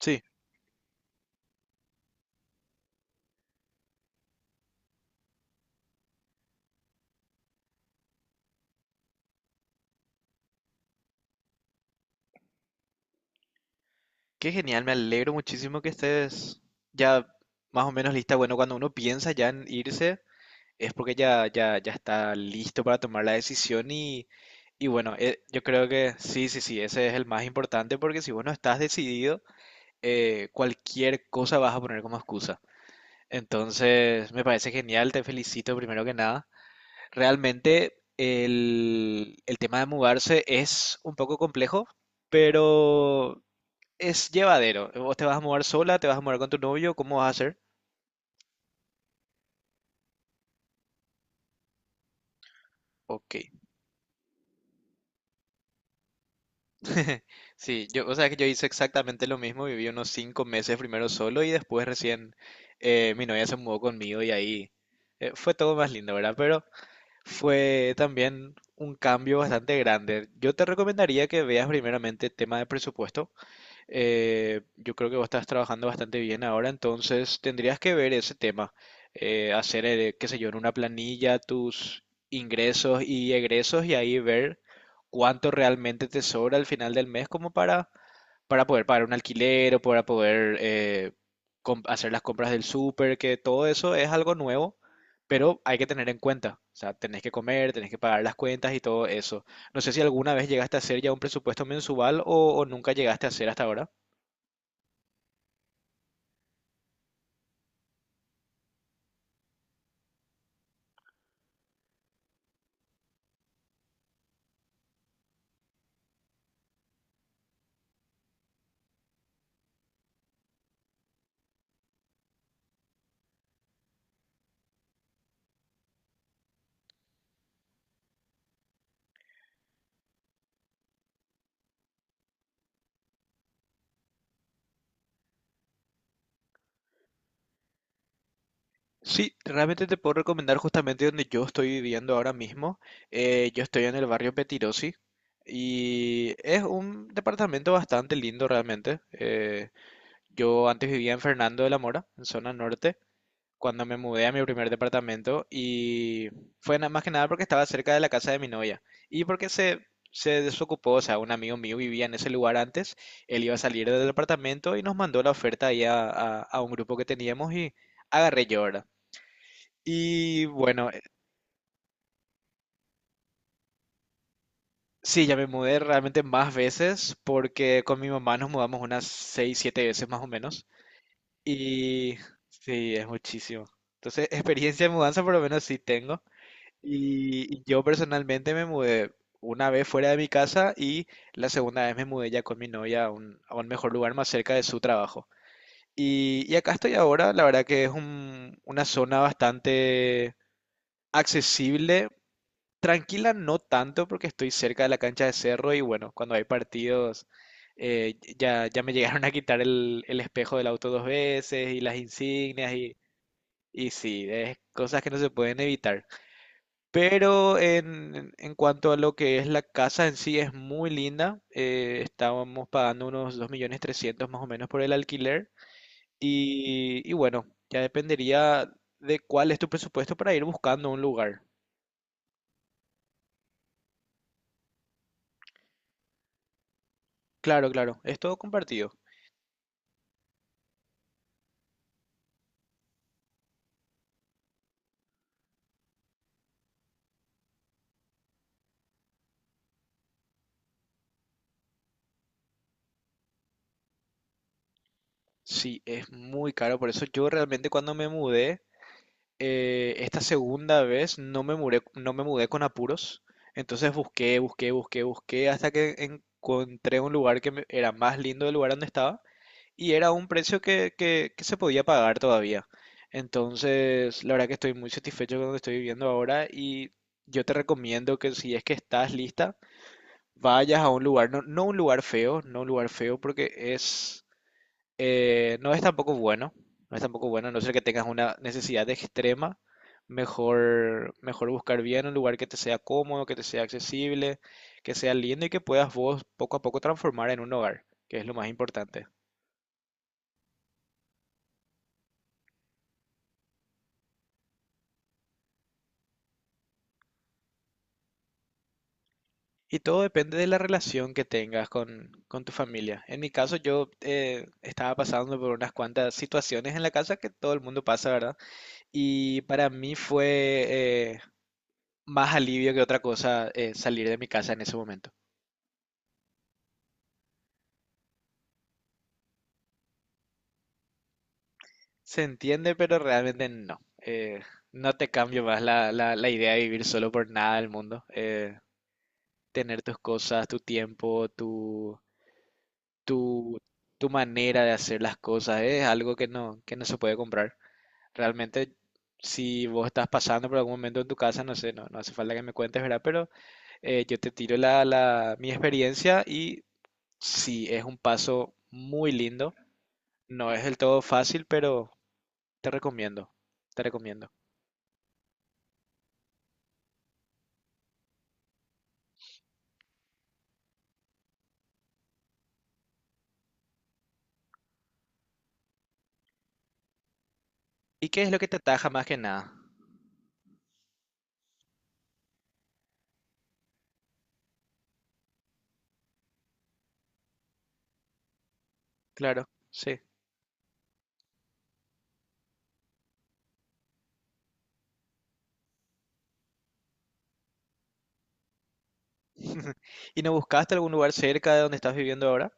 Sí, qué genial, me alegro muchísimo que estés ya más o menos lista. Bueno, cuando uno piensa ya en irse, es porque ya, ya, ya está listo para tomar la decisión y bueno, yo creo que sí, sí, sí, ese es el más importante porque si vos no estás decidido, cualquier cosa vas a poner como excusa. Entonces, me parece genial, te felicito primero que nada. Realmente el tema de mudarse es un poco complejo, pero es llevadero. Vos te vas a mudar sola, te vas a mudar con tu novio, ¿cómo vas a hacer? Ok. Sí, o sea que yo hice exactamente lo mismo, viví unos 5 meses primero solo y después recién mi novia se mudó conmigo y ahí fue todo más lindo, ¿verdad? Pero fue también un cambio bastante grande. Yo te recomendaría que veas primeramente tema de presupuesto. Yo creo que vos estás trabajando bastante bien ahora, entonces tendrías que ver ese tema, hacer, qué sé yo, en una planilla tus ingresos y egresos y ahí ver cuánto realmente te sobra al final del mes como para poder pagar un alquiler o para poder hacer las compras del súper, que todo eso es algo nuevo, pero hay que tener en cuenta, o sea, tenés que comer, tenés que pagar las cuentas y todo eso. No sé si alguna vez llegaste a hacer ya un presupuesto mensual o nunca llegaste a hacer hasta ahora. Sí, realmente te puedo recomendar justamente donde yo estoy viviendo ahora mismo. Yo estoy en el barrio Petirosi y es un departamento bastante lindo realmente. Yo antes vivía en Fernando de la Mora, en zona norte, cuando me mudé a mi primer departamento y fue nada más que nada porque estaba cerca de la casa de mi novia y porque se desocupó, o sea, un amigo mío vivía en ese lugar antes, él iba a salir del departamento y nos mandó la oferta ahí a un grupo que teníamos y agarré yo, ¿verdad? Y bueno, sí, ya me mudé realmente más veces porque con mi mamá nos mudamos unas 6 7 veces más o menos. Y sí, es muchísimo. Entonces, experiencia de mudanza por lo menos sí tengo. Y yo personalmente me mudé una vez fuera de mi casa y la segunda vez me mudé ya con mi novia a un mejor lugar más cerca de su trabajo. Y acá estoy ahora, la verdad que es una zona bastante accesible. Tranquila no tanto porque estoy cerca de la cancha de Cerro y bueno, cuando hay partidos ya me llegaron a quitar el espejo del auto dos veces y las insignias y sí, es cosas que no se pueden evitar. Pero en cuanto a lo que es la casa en sí es muy linda, estábamos pagando unos 2.300.000 más o menos por el alquiler y bueno, ya dependería de cuál es tu presupuesto para ir buscando un lugar. Claro, claro, es todo compartido. Sí, es muy caro, por eso yo realmente cuando me mudé, esta segunda vez no me mudé con apuros, entonces busqué, busqué, busqué, busqué hasta que encontré un lugar que me- era más lindo del lugar donde estaba y era un precio que se podía pagar todavía. Entonces, la verdad que estoy muy satisfecho con donde estoy viviendo ahora y yo te recomiendo que si es que estás lista, vayas a un lugar, no, no un lugar feo, no un lugar feo porque es no es tampoco bueno, no es tampoco bueno, a no ser que tengas una necesidad extrema, mejor, mejor buscar bien un lugar que te sea cómodo, que te sea accesible, que sea lindo y que puedas vos poco a poco transformar en un hogar, que es lo más importante. Y todo depende de la relación que tengas con tu familia. En mi caso, yo estaba pasando por unas cuantas situaciones en la casa que todo el mundo pasa, ¿verdad? Y para mí fue eh, más alivio que otra cosa salir de mi casa en ese momento. Se entiende, pero realmente no. No te cambio más la idea de vivir solo por nada del mundo. Tener tus cosas, tu tiempo, tu, tu manera de hacer las cosas es algo que no se puede comprar. Realmente, si vos estás pasando por algún momento en tu casa, no sé, no, no hace falta que me cuentes, ¿verdad? Pero yo te tiro mi experiencia y sí, es un paso muy lindo. No es del todo fácil, pero te recomiendo, te recomiendo. ¿Y qué es lo que te ataja más que nada? Claro, sí. ¿Y no buscaste algún lugar cerca de donde estás viviendo ahora?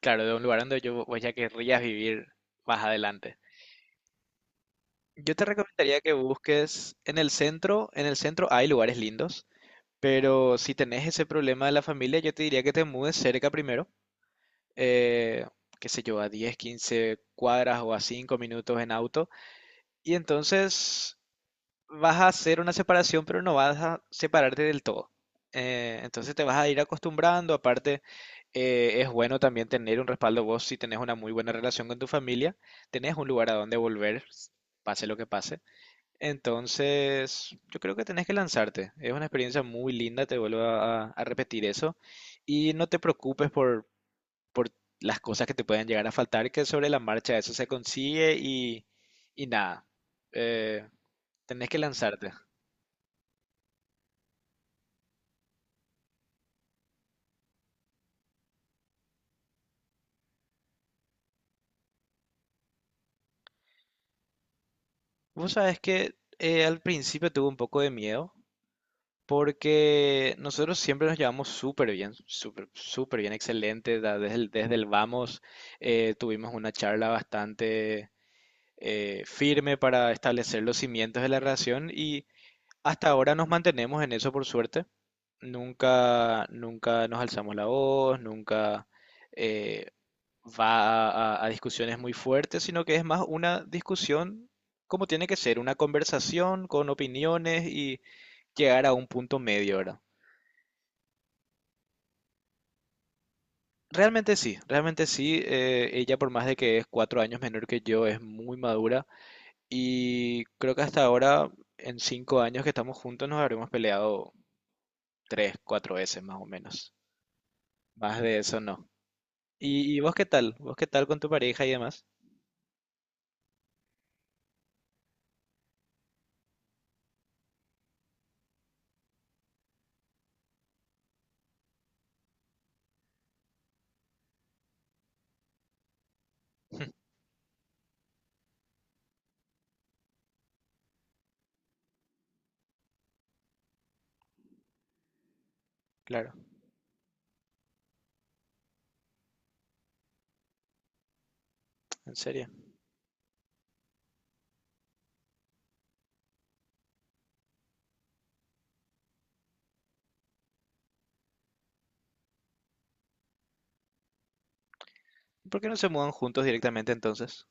Claro, de un lugar donde yo vos ya querrías vivir más adelante. Yo te recomendaría que busques en el centro hay lugares lindos, pero si tenés ese problema de la familia, yo te diría que te mudes cerca primero, eh, qué sé yo, a 10, 15 cuadras o a 5 minutos en auto, y entonces vas a hacer una separación, pero no vas a separarte del todo. Entonces te vas a ir acostumbrando, aparte es bueno también tener un respaldo vos si tenés una muy buena relación con tu familia, tenés un lugar a donde volver, pase lo que pase. Entonces yo creo que tenés que lanzarte, es una experiencia muy linda, te vuelvo a repetir eso, y no te preocupes por las cosas que te pueden llegar a faltar, que sobre la marcha eso se consigue y nada, eh, tenés que lanzarte. Vos sabés que al principio tuve un poco de miedo porque nosotros siempre nos llevamos súper bien, súper, súper bien, excelente. Desde el vamos tuvimos una charla bastante firme para establecer los cimientos de la relación y hasta ahora nos mantenemos en eso por suerte. Nunca, nunca nos alzamos la voz, nunca eh, va a discusiones muy fuertes, sino que es más una discusión como tiene que ser, una conversación con opiniones y llegar a un punto medio, ¿verdad? Realmente sí, realmente sí. Ella, por más de que es 4 años menor que yo, es muy madura y creo que hasta ahora, en 5 años que estamos juntos, nos habremos peleado tres, cuatro veces más o menos. Más de eso no. Y vos qué tal? ¿Vos qué tal con tu pareja y demás? Claro, en serio. ¿Por qué no se mudan juntos directamente entonces?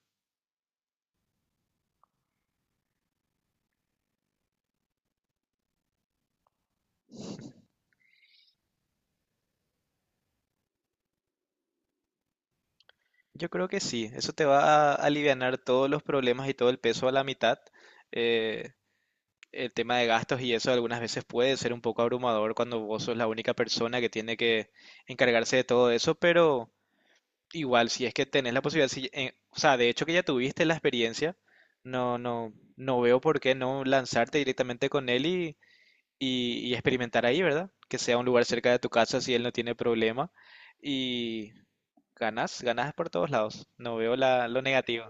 Yo creo que sí, eso te va a alivianar todos los problemas y todo el peso a la mitad. Eh, el tema de gastos y eso algunas veces puede ser un poco abrumador cuando vos sos la única persona que tiene que encargarse de todo eso, pero igual si es que tenés la posibilidad, si, o sea, de hecho que ya tuviste la experiencia, no, no, no veo por qué no lanzarte directamente con él y, y experimentar ahí, ¿verdad? Que sea un lugar cerca de tu casa si él no tiene problema. Ganas, ganas por todos lados. No veo la, lo negativo.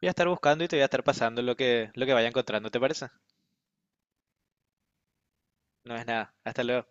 Voy a estar buscando y te voy a estar pasando lo que vaya encontrando, ¿te parece? No es nada. Hasta luego.